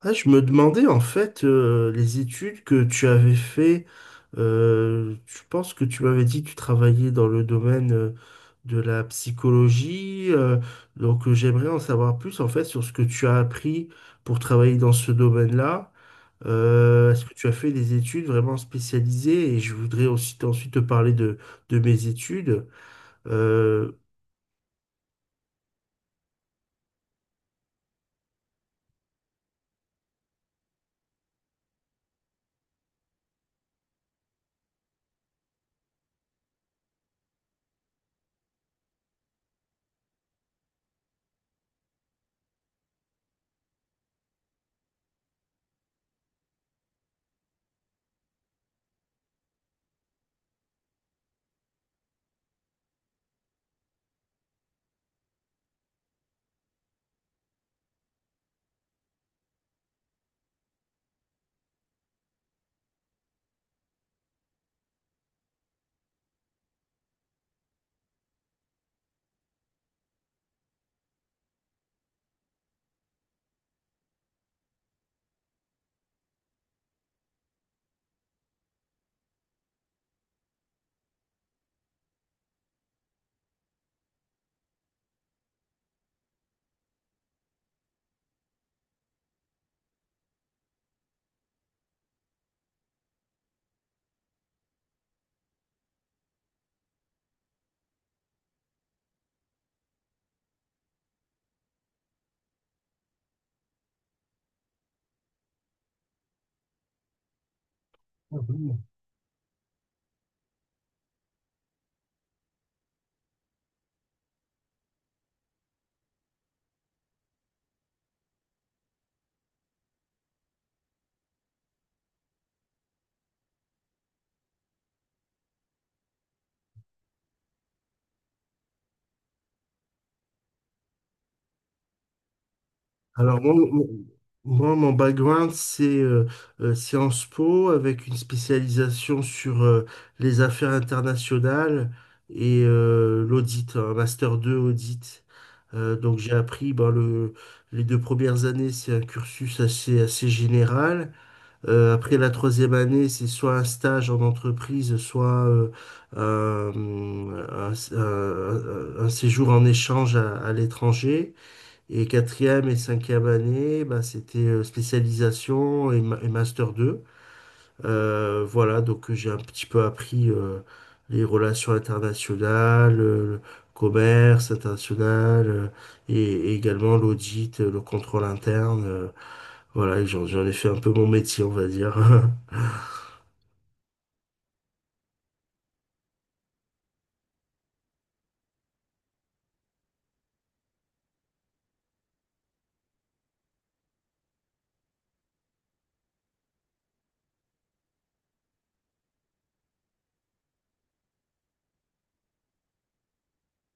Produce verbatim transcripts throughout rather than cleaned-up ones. Ah, je me demandais en fait euh, les études que tu avais fait. Euh, je pense que tu m'avais dit que tu travaillais dans le domaine euh, de la psychologie. euh, donc euh, j'aimerais en savoir plus en fait sur ce que tu as appris pour travailler dans ce domaine-là. Euh, est-ce que tu as fait des études vraiment spécialisées? Et je voudrais aussi t- ensuite te parler de, de mes études. Euh, Mhm. Alors, moi, mon moi, mon background, c'est euh, euh, Sciences Po avec une spécialisation sur euh, les affaires internationales et euh, l'audit, un master deux audit. Euh, donc, j'ai appris ben, le, les deux premières années, c'est un cursus assez, assez général. Euh, après la troisième année, c'est soit un stage en entreprise, soit euh, un, un- un- un séjour en échange à à l'étranger. Et quatrième et cinquième année, bah, c'était euh, spécialisation et, ma- et master deux. Euh, voilà, donc euh, j'ai un petit peu appris euh, les relations internationales, euh, le commerce international euh, et, et également l'audit, euh, le contrôle interne. Euh, voilà, et j'en j'en ai fait un peu mon métier, on va dire.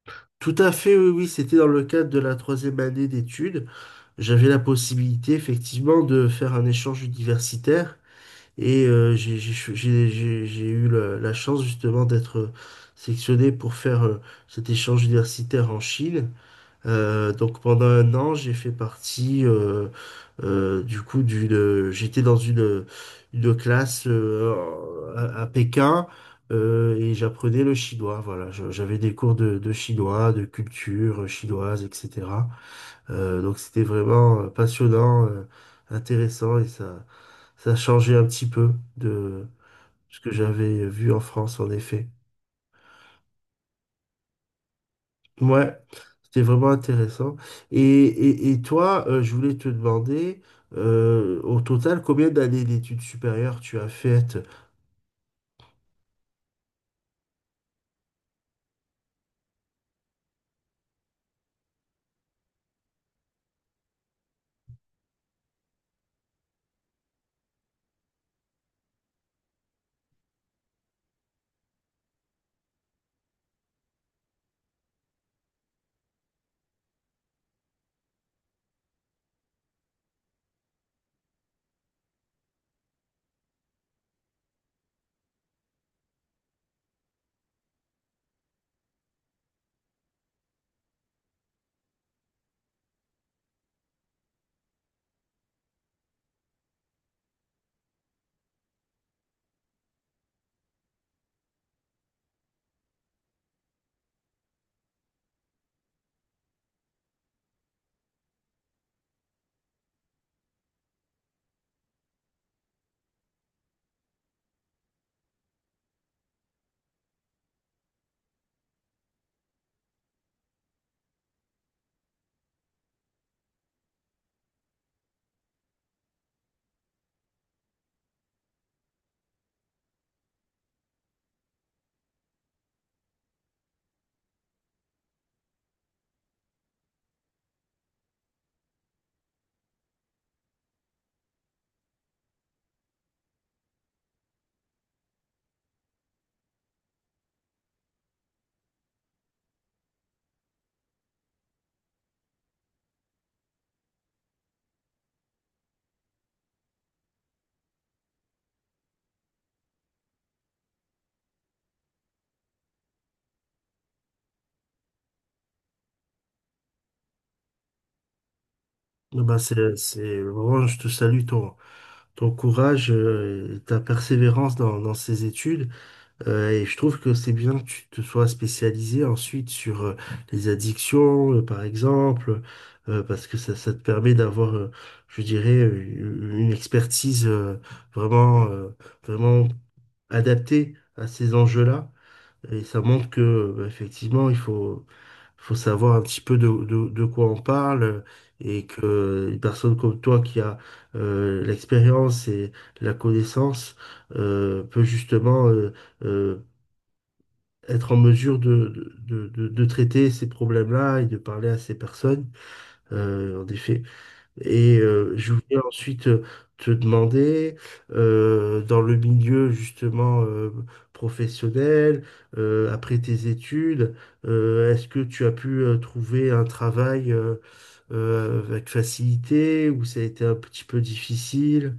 Tout à fait, oui, oui, c'était dans le cadre de la troisième année d'études. J'avais la possibilité effectivement de faire un échange universitaire. Et euh, j'ai j'ai cho- j'ai- j'ai- j'ai eu la, la chance justement d'être euh, sélectionné pour faire euh, cet échange universitaire en Chine. Euh, donc pendant un an, j'ai fait partie euh, euh, du coup d'une... J'étais dans une, une classe euh, à, à Pékin euh, et j'apprenais le chinois. Voilà, Je- j'avais des cours de, de chinois, de culture chinoise, et cetera. Euh, donc c'était vraiment euh, passionnant, euh, intéressant et ça... ça changeait un petit peu de ce que j'avais vu en France, en effet. Ouais, c'était vraiment intéressant. Et, et, et toi, euh, je voulais te demander, euh, au total, combien d'années d'études supérieures tu as faites? Eh ben c'est, c'est, vraiment, je te salue ton, ton courage euh, et ta persévérance dans, dans ces études. Euh, et je trouve que c'est bien que tu te sois spécialisé ensuite sur euh, les addictions, euh, par exemple, euh, parce que ça, ça te permet d'avoir, euh, je dirais, euh, une expertise euh, vraiment, euh, vraiment adaptée à ces enjeux-là. Et ça montre que, euh, bah, effectivement, il faut, faut savoir un petit peu de, de, de quoi on parle euh, et que une personne comme toi qui a euh, l'expérience et la connaissance euh, peut justement euh, euh, être en mesure de, de, de, de- de traiter ces problèmes-là et de parler à ces personnes, euh, en effet. Et euh, je voulais ensuite euh, te demander, euh, dans le milieu justement euh, professionnel, euh, après tes études, euh, est-ce que tu as pu euh, trouver un travail euh, euh, avec facilité ou ça a été un petit peu difficile?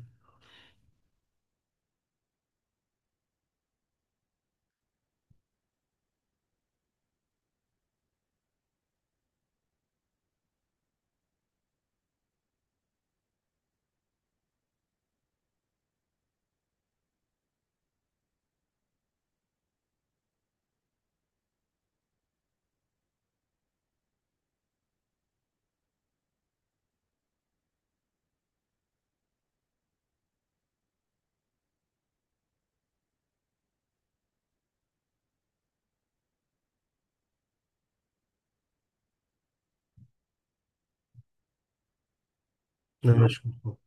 Non, mais je comprends.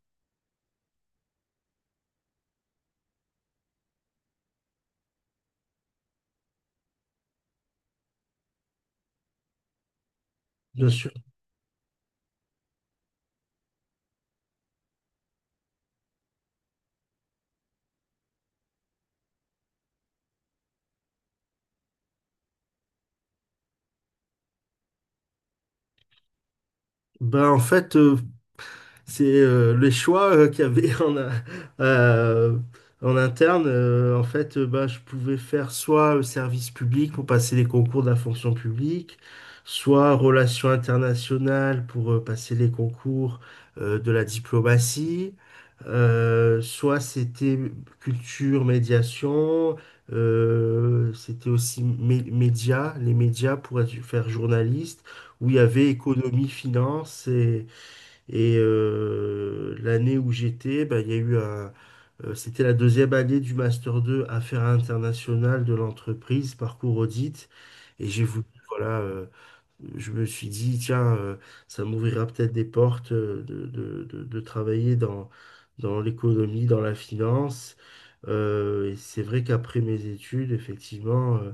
Bien sûr. Bah, en fait, euh, c'est euh, les choix euh, qu'il y avait en, a- euh, en interne. Euh, en fait, euh, bah, je pouvais faire soit euh, service public pour passer les concours de la fonction publique, soit relations internationales pour euh, passer les concours euh, de la diplomatie, euh, soit c'était culture, médiation, euh, c'était aussi mé- médias, les médias pour être- faire journaliste, où il y avait économie, finance et euh, l'année où j'étais, bah, il y a eu un, euh, c'était la deuxième année du Master deux Affaires internationales de l'entreprise, parcours audit. Et j'ai voulu, voilà, euh, je me suis dit, tiens, euh, ça m'ouvrira peut-être des portes euh, de, de- de- de travailler dans, dans l'économie, dans la finance. Euh, et c'est vrai qu'après mes études, effectivement, euh,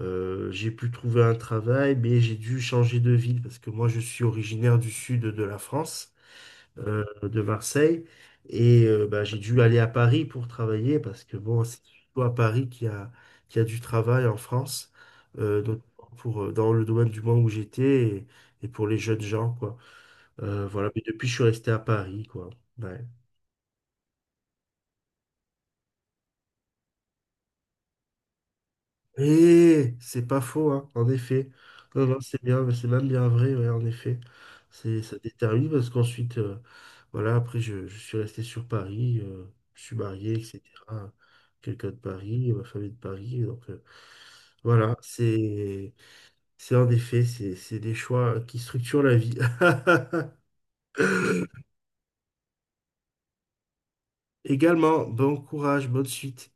euh, j'ai pu trouver un travail, mais j'ai dû changer de ville parce que moi, je suis originaire du sud de la France euh, de Marseille. Et euh, bah, j'ai dû aller à Paris pour travailler parce que bon, c'est surtout à Paris qu'il y a, qu'il y a du travail en France, euh, notamment pour, euh, dans le domaine du monde où j'étais et, et pour les jeunes gens, quoi. Euh, voilà, mais depuis, je suis resté à Paris, quoi. Ouais. Eh, c'est pas faux, hein, en effet. Non, non, c'est bien, c'est même bien vrai, ouais, en effet. C'est, ça détermine parce qu'ensuite, euh, voilà, après, je, je suis resté sur Paris, euh, je suis marié, et cetera. Quelqu'un de Paris, ma famille de Paris, donc euh, voilà, c'est, c'est en effet, c'est, c'est des choix qui structurent la vie. Également, bon courage, bonne suite.